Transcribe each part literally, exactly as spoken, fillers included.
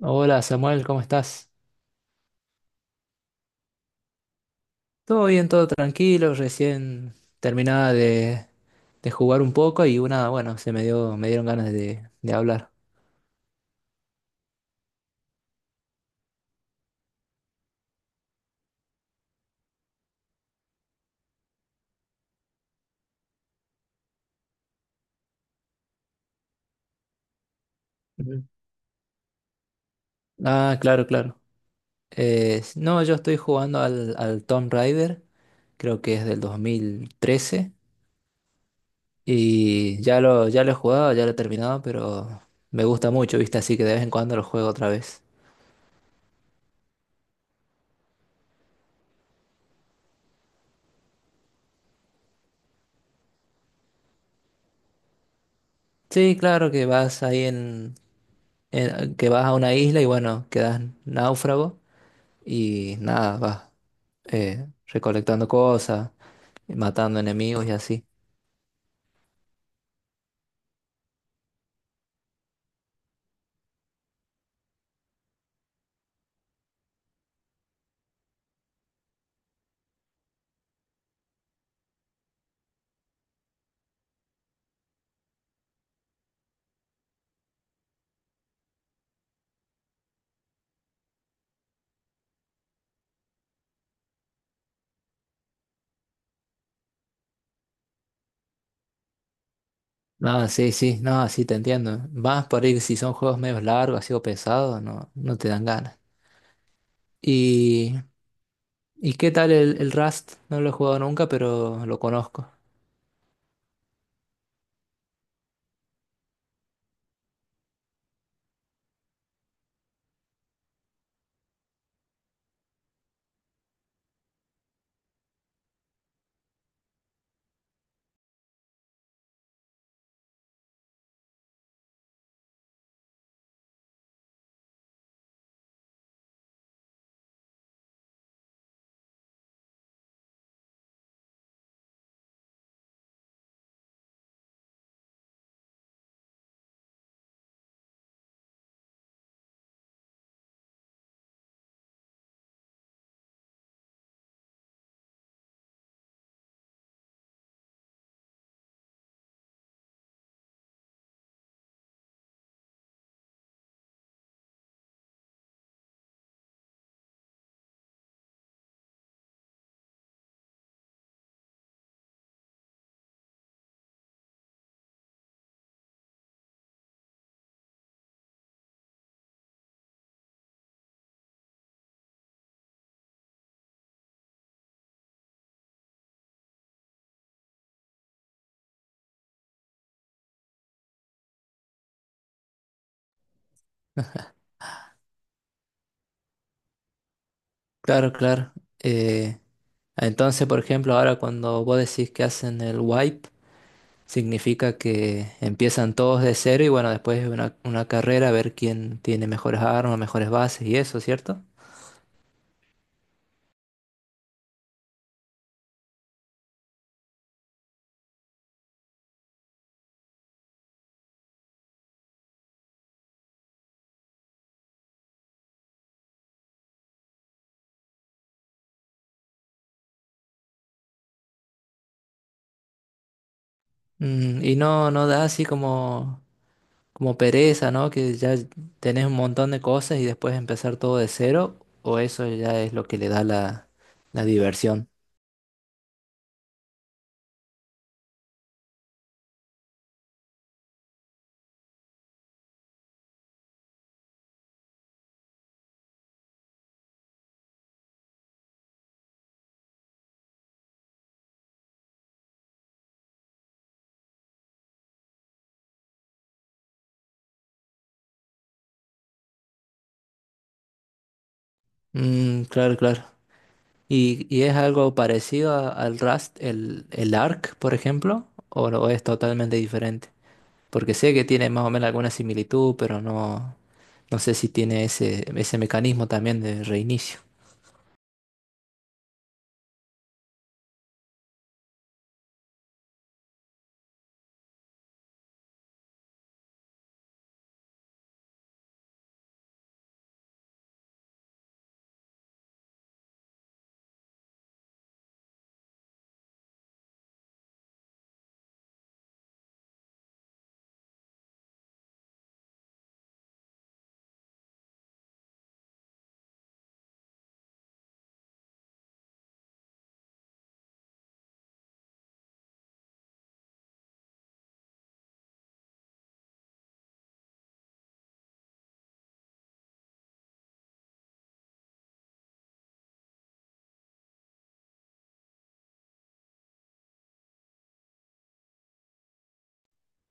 Hola Samuel, ¿cómo estás? Todo bien, todo tranquilo, recién terminaba de, de jugar un poco y una, bueno, se me dio, me dieron ganas de, de hablar. Ujú. Ah, claro, claro. Eh, no, yo estoy jugando al, al Tomb Raider, creo que es del dos mil trece y ya lo, ya lo he jugado, ya lo he terminado, pero me gusta mucho, ¿viste? Así que de vez en cuando lo juego otra vez. Sí, claro que vas ahí en, en- que vas a una isla y bueno, quedas náufrago y nada, vas eh, recolectando cosas, matando enemigos y así. Nada, sí, sí, no, sí te entiendo. Más por ahí si son juegos medio largos, así o pesados, no, no te dan ganas. ¿Y, y qué tal el, el Rust? No lo he jugado nunca, pero lo conozco. Claro, claro. Eh, entonces, por ejemplo, ahora cuando vos decís que hacen el wipe, significa que empiezan todos de cero y bueno, después es una, una carrera a ver quién tiene mejores armas, mejores bases y eso, ¿cierto? Mm, y no, no da así como, como pereza, ¿no? Que ya tenés un montón de cosas y después empezar todo de cero, o eso ya es lo que le da la, la diversión. Mm, claro, claro. ¿Y, y es algo parecido a- al Rust, el, el Arc, por ejemplo? ¿O, no, o es totalmente diferente? Porque sé que tiene más o menos alguna similitud, pero no, no sé si tiene ese, ese mecanismo también de reinicio.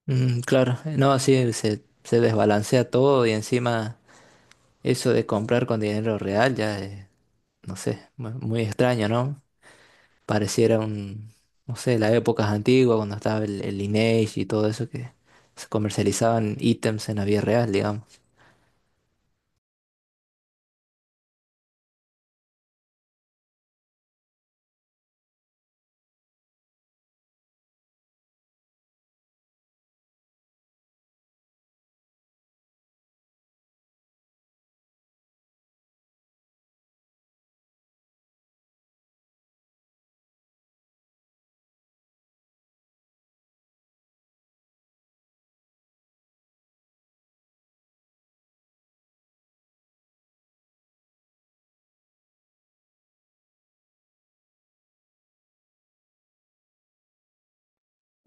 Mm, claro, no, sí, se, se desbalancea todo y encima... Eso de comprar con dinero real ya, es, no sé, mu- muy extraño, ¿no? Pareciera un, no sé, las épocas antiguas cuando estaba el, el Lineage y todo eso que se comercializaban ítems en la vida real, digamos.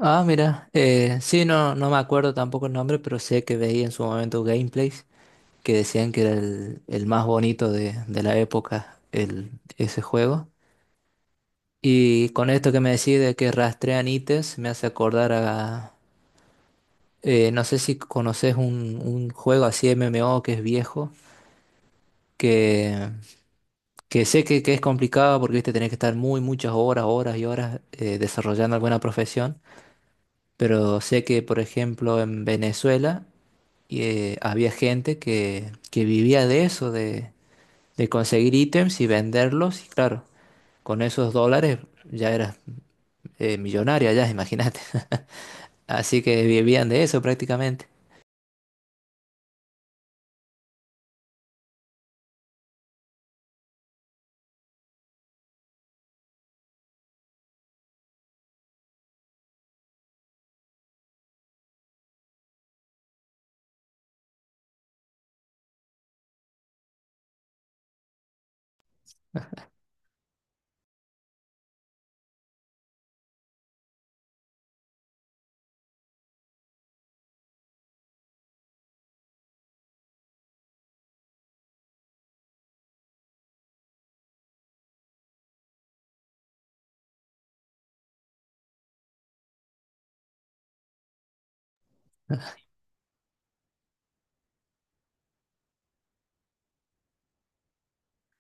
Ah, mira, eh, sí, no, no me acuerdo tampoco el nombre, pero sé que veía en su momento gameplays que decían que era el, el más bonito de, de la época, el, ese juego. Y con esto que me decís de que rastrean ítems, me hace acordar a, Eh, no sé si conoces un, un juego así de M M O que es viejo, que, que sé que, que es complicado porque viste, tenés que estar muy muchas horas, horas y horas eh, desarrollando alguna profesión, pero sé que, por ejemplo, en Venezuela eh, había gente que, que vivía de eso, de, de conseguir ítems y venderlos, y claro, con esos dólares ya eras eh, millonario, ya, imagínate. Así que vivían de eso prácticamente.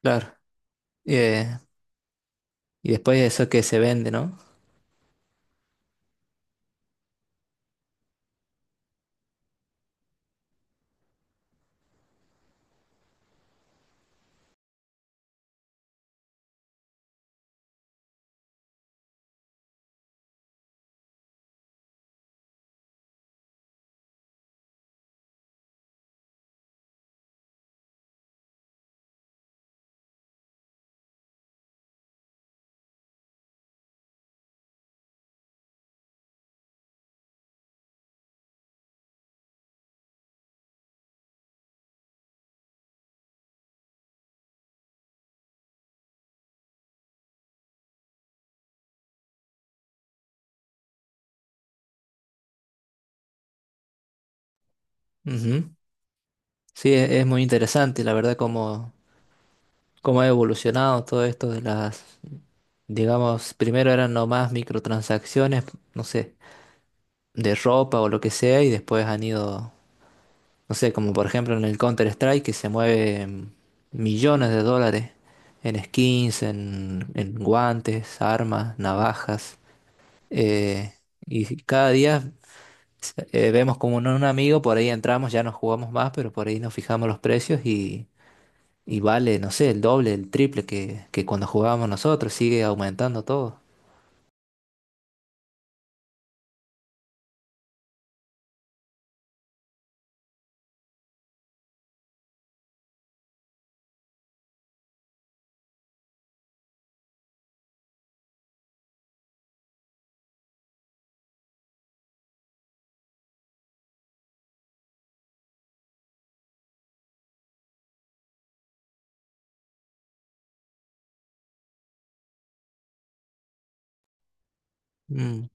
Claro. Eh, y después eso que se vende, ¿no? Ujú. Sí, e- es muy interesante, la verdad, cómo, cómo ha evolucionado todo esto de las, digamos, primero eran nomás microtransacciones, no sé, de ropa o lo que sea, y después han ido, no sé, como por ejemplo en el Counter-Strike, que se mueven millones de dólares en skins, en, en guantes, armas, navajas, eh, y cada día eh, vemos como un, un amigo, por ahí entramos, ya no jugamos más, pero por ahí nos fijamos los precios. Y vale, no sé, el doble, el triple que, que cuando jugábamos nosotros, sigue aumentando todo. Mm,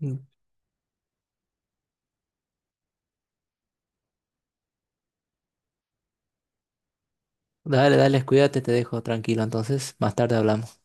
mm. Dale, dale, cuídate, te dejo tranquilo entonces, más tarde hablamos.